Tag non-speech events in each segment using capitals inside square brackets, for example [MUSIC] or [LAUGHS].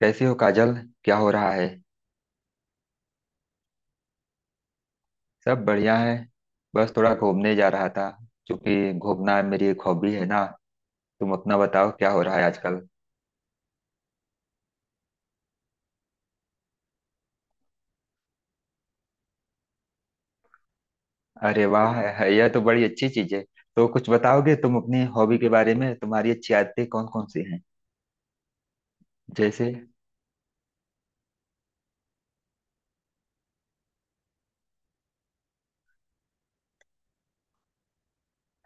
कैसी हो, काजल? क्या हो रहा है? सब बढ़िया है। बस थोड़ा घूमने जा रहा था क्योंकि घूमना मेरी एक हॉबी है ना। तुम अपना बताओ, क्या हो रहा है आजकल? अरे वाह, यह तो बड़ी अच्छी चीज है। तो कुछ बताओगे तुम अपनी हॉबी के बारे में? तुम्हारी अच्छी आदतें कौन कौन सी हैं? जैसे?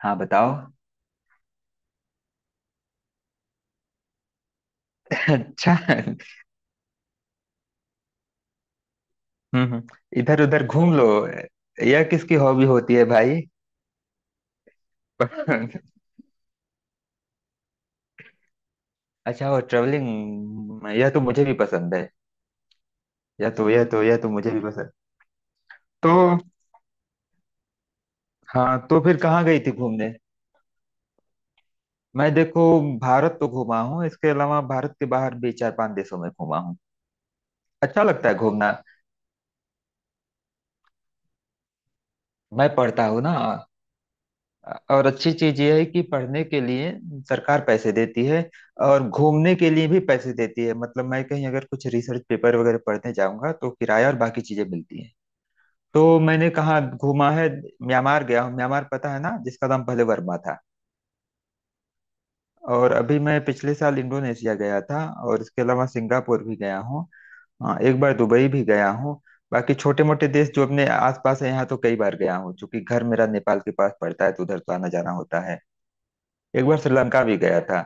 हाँ, बताओ। [LAUGHS] अच्छा। हम्म। इधर उधर घूम लो। यह किसकी हॉबी होती है, भाई? [LAUGHS] अच्छा, वो ट्रेवलिंग यह तो मुझे भी पसंद है। यह तो मुझे भी पसंद। तो हाँ, तो फिर कहाँ गई थी घूमने? मैं देखो, भारत तो घूमा हूँ। इसके अलावा भारत के बाहर भी चार पांच देशों में घूमा हूँ। अच्छा लगता है घूमना। मैं पढ़ता हूँ ना, और अच्छी चीज ये है कि पढ़ने के लिए सरकार पैसे देती है और घूमने के लिए भी पैसे देती है। मतलब मैं कहीं अगर कुछ रिसर्च पेपर वगैरह पढ़ने जाऊंगा तो किराया और बाकी चीजें मिलती हैं। तो मैंने कहाँ घूमा है? म्यांमार गया हूँ। म्यांमार पता है ना, जिसका नाम पहले वर्मा था। और अभी मैं पिछले साल इंडोनेशिया गया था, और इसके अलावा सिंगापुर भी गया हूँ। हाँ, एक बार दुबई भी गया हूँ। बाकी छोटे मोटे देश जो अपने आसपास है यहाँ, तो कई बार गया हूँ। चूंकि घर मेरा नेपाल के पास पड़ता है तो उधर तो आना जाना होता है। एक बार श्रीलंका भी गया था,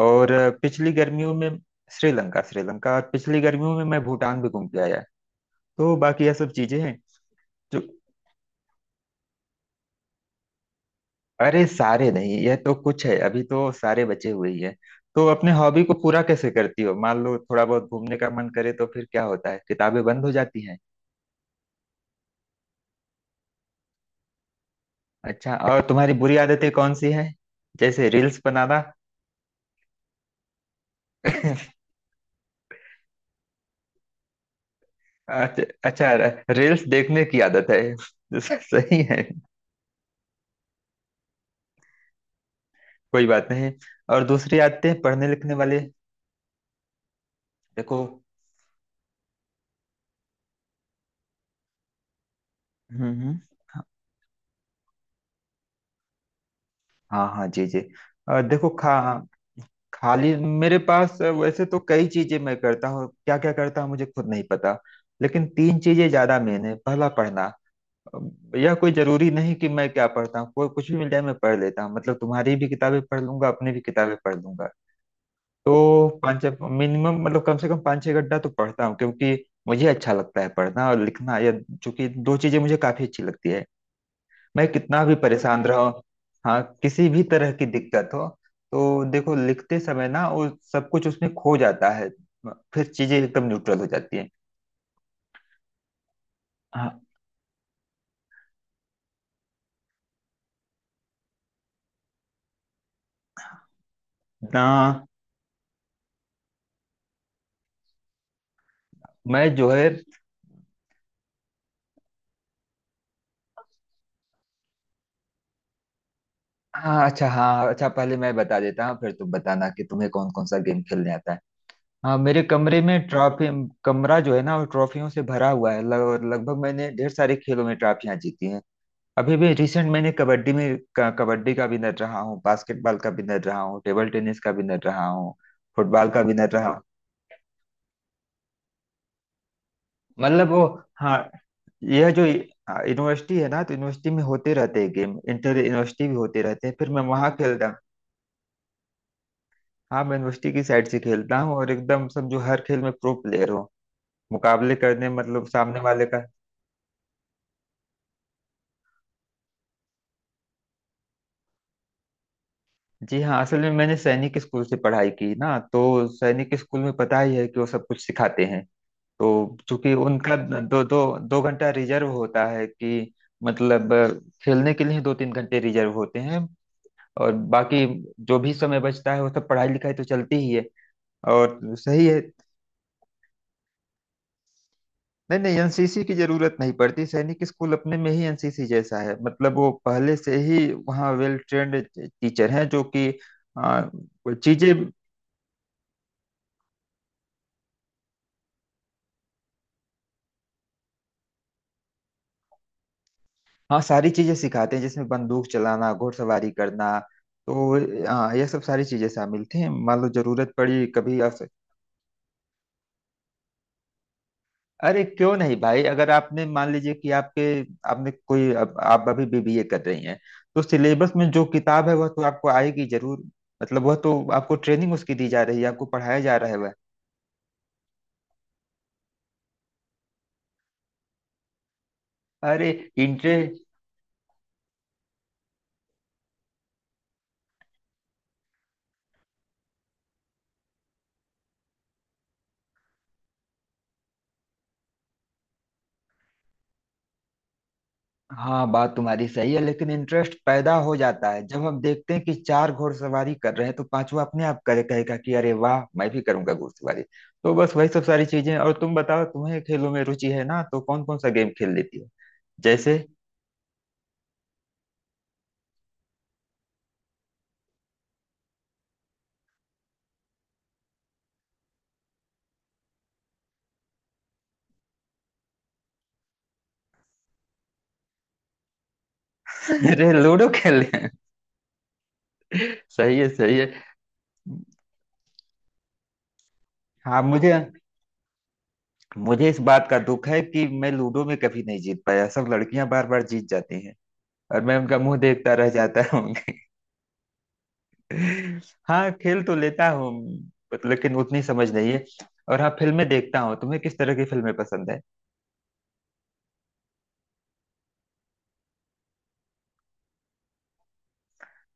और पिछली गर्मियों में श्रीलंका, श्रीलंका, और पिछली गर्मियों में मैं भूटान भी घूम के आया। तो बाकी यह सब चीजें हैं। अरे सारे नहीं, यह तो कुछ है, अभी तो सारे बचे हुए ही है। तो अपने हॉबी को पूरा कैसे करती हो? मान लो थोड़ा बहुत घूमने का मन करे तो फिर क्या होता है, किताबें बंद हो जाती हैं? अच्छा, और तुम्हारी बुरी आदतें कौन सी हैं? जैसे रील्स बनाना। [LAUGHS] अच्छा। अच्छा, रील्स देखने की आदत है। [LAUGHS] सही है। कोई बात नहीं। और दूसरी आदतें पढ़ने लिखने वाले? देखो। हम्म। हम्म। हाँ हाँ, जी जी। और देखो खा खाली, मेरे पास वैसे तो कई चीजें मैं करता हूँ, क्या क्या करता हूँ मुझे खुद नहीं पता। लेकिन तीन चीजें ज्यादा मेन है। पहला, पढ़ना। अ, यह कोई जरूरी नहीं कि मैं क्या पढ़ता हूँ, कोई कुछ भी मिल जाए मैं पढ़ लेता हूँ। मतलब तुम्हारी भी किताबें पढ़ लूंगा, अपनी भी किताबें पढ़ लूंगा। तो पाँच मिनिमम, मतलब कम से कम पाँच छह घंटा तो पढ़ता हूँ क्योंकि मुझे अच्छा लगता है। पढ़ना और लिखना, यह चूंकि दो चीजें मुझे काफी अच्छी लगती है। मैं कितना भी परेशान रहा हूं, हाँ, किसी भी तरह की दिक्कत हो, तो देखो लिखते समय ना वो सब कुछ उसमें खो जाता है। फिर चीजें एकदम न्यूट्रल हो जाती हैं। हाँ ना। मैं जो है हाँ अच्छा, हाँ अच्छा, पहले मैं बता देता हूँ फिर तुम बताना कि तुम्हें कौन कौन सा गेम खेलने आता है। हाँ, मेरे कमरे में ट्रॉफी, कमरा जो है ना वो ट्रॉफियों से भरा हुआ है। लगभग मैंने ढेर सारे खेलों में ट्रॉफियां जीती हैं। अभी भी रिसेंट मैंने कबड्डी में कबड्डी का विनर रहा हूँ, बास्केटबॉल का विनर रहा हूँ, टेबल टेनिस का विनर रहा हूँ, फुटबॉल का विनर रहा हूँ। मतलब वो, हाँ, यह जो यूनिवर्सिटी है ना, तो यूनिवर्सिटी में होते रहते हैं गेम। इंटर यूनिवर्सिटी भी होते रहते हैं, फिर मैं वहां खेलता हूँ। हाँ, मैं यूनिवर्सिटी की साइड से खेलता हूँ, और एकदम समझो हर खेल में प्रो प्लेयर हूँ। मुकाबले करने, मतलब सामने वाले का। जी हाँ, असल में मैंने सैनिक स्कूल से पढ़ाई की ना, तो सैनिक स्कूल में पता ही है कि वो सब कुछ सिखाते हैं। तो चूंकि उनका दो दो दो घंटा रिजर्व होता है कि, मतलब खेलने के लिए दो तीन घंटे रिजर्व होते हैं। और बाकी जो भी समय बचता है वो सब पढ़ाई लिखाई तो चलती ही है। और सही है। नहीं नहीं, एनसीसी की जरूरत नहीं पड़ती। सैनिक स्कूल अपने में ही एनसीसी जैसा है। मतलब वो पहले से ही वहाँ वेल ट्रेंड टीचर हैं जो कि अ, चीजें, हाँ, सारी चीजें सिखाते हैं जिसमें बंदूक चलाना, घुड़सवारी करना। तो हाँ, ये सब सारी चीजें शामिल थी, मान लो जरूरत पड़ी कभी, अवसर। अरे क्यों नहीं, भाई! अगर आपने मान लीजिए कि आपके, आपने कोई, अब आप अभी बीबीए कर रही हैं, तो सिलेबस में जो किताब है वह तो आपको आएगी जरूर। मतलब वह तो आपको ट्रेनिंग उसकी दी जा रही है, आपको पढ़ाया जा रहा है वह। अरे इंटरेस्ट, हाँ, बात तुम्हारी सही है, लेकिन इंटरेस्ट पैदा हो जाता है जब हम देखते हैं कि चार घुड़सवारी कर रहे हैं तो पांचवा अपने आप करे, कहेगा कि अरे वाह मैं भी करूंगा घुड़सवारी। तो बस वही सब सारी चीजें। और तुम बताओ, तुम्हें खेलों में रुचि है ना, तो कौन कौन सा गेम खेल लेती हो? जैसे? [LAUGHS] अरे लूडो खेल रहे हैं! सही है, सही है। हाँ, मुझे मुझे इस बात का दुख है कि मैं लूडो में कभी नहीं जीत पाया, सब लड़कियां बार बार जीत जाती हैं और मैं उनका मुंह देखता रह जाता। हाँ, खेल तो लेता हूँ, but लेकिन उतनी समझ नहीं है। और हाँ, फिल्में देखता हूँ। तुम्हें किस तरह की फिल्में पसंद है?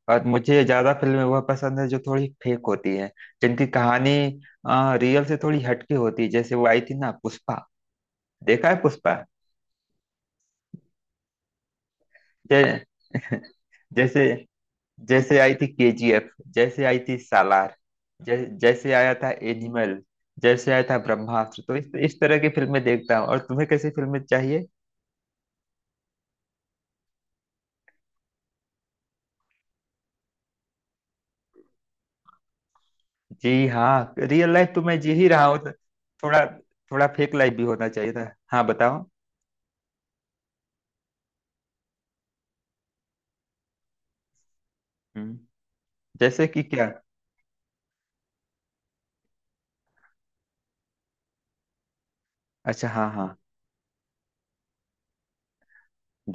और मुझे ज्यादा फिल्में वह पसंद है जो थोड़ी फेक होती है, जिनकी कहानी रियल से थोड़ी हटके होती है। जैसे वो आई थी ना, पुष्पा। देखा है पुष्पा? जै, [LAUGHS] जैसे, जैसे आई थी केजीएफ, जैसे आई थी सालार, जैसे आया था एनिमल, जैसे आया था ब्रह्मास्त्र। तो इस तरह की फिल्में देखता हूँ। और तुम्हें कैसी फिल्में? जी हाँ, रियल लाइफ तो मैं जी ही रहा हूँ। थोड़ा, थोड़ा फेक लाइफ भी होना चाहिए था। हाँ, बताओ। हम्म। जैसे कि क्या? अच्छा, हाँ हाँ,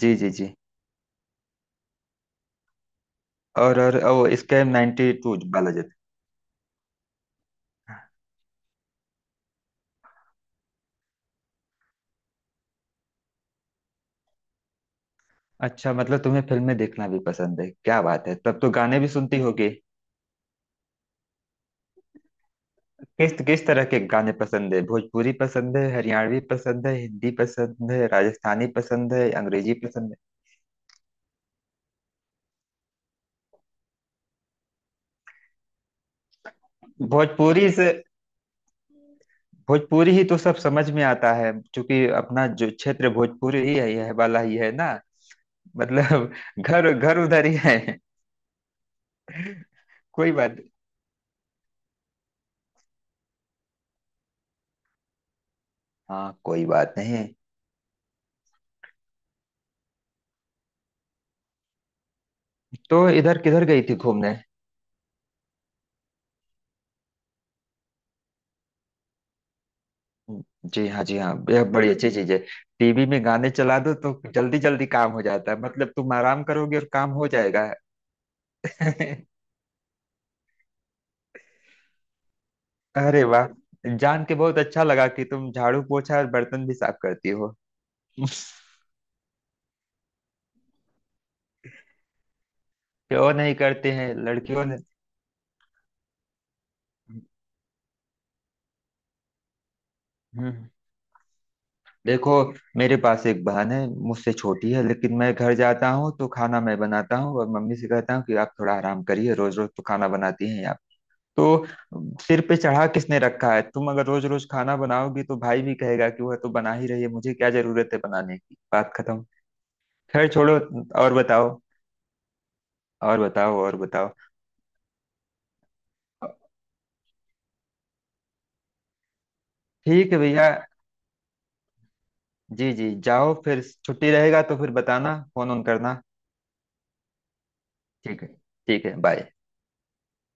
जी जी जी। और ओ स्कैम 92 बालाजी। अच्छा मतलब तुम्हें फिल्में देखना भी पसंद है, क्या बात है, तब तो गाने भी सुनती होगी? किस किस तरह के गाने पसंद है, भोजपुरी पसंद है, हरियाणवी पसंद है, हिंदी पसंद है, राजस्थानी पसंद है, अंग्रेजी पसंद है? भोजपुरी से, भोजपुरी ही तो सब समझ में आता है क्योंकि अपना जो क्षेत्र भोजपुरी ही है, यह वाला ही है ना। मतलब [LAUGHS] घर घर उधर ही है। कोई बात हाँ, कोई बात नहीं। तो इधर किधर गई थी घूमने? जी हाँ, जी हाँ, यह बड़ी अच्छी चीज है। टीवी में गाने चला दो तो जल्दी जल्दी काम हो जाता है, मतलब तुम आराम करोगे और काम हो जाएगा। [LAUGHS] अरे वाह, जान के बहुत अच्छा लगा कि तुम झाड़ू पोछा और बर्तन भी साफ करती हो। [LAUGHS] क्यों नहीं करते हैं लड़कियों ने? हम्म। हम्म। देखो, मेरे पास एक बहन है, मुझसे छोटी है, लेकिन मैं घर जाता हूँ तो खाना मैं बनाता हूँ और मम्मी से कहता हूँ कि आप थोड़ा आराम करिए, रोज रोज तो खाना बनाती हैं आप। तो सिर पे चढ़ा किसने रखा है? तुम अगर रोज रोज खाना बनाओगी तो भाई भी कहेगा कि वह तो बना ही रही है, मुझे क्या जरूरत है बनाने की, बात खत्म। खैर छोड़ो। और बताओ, और बताओ, और बताओ। ठीक है, भैया। जी जी, जाओ, फिर छुट्टी रहेगा तो फिर बताना, फोन ऑन करना। ठीक है। ठीक है, बाय।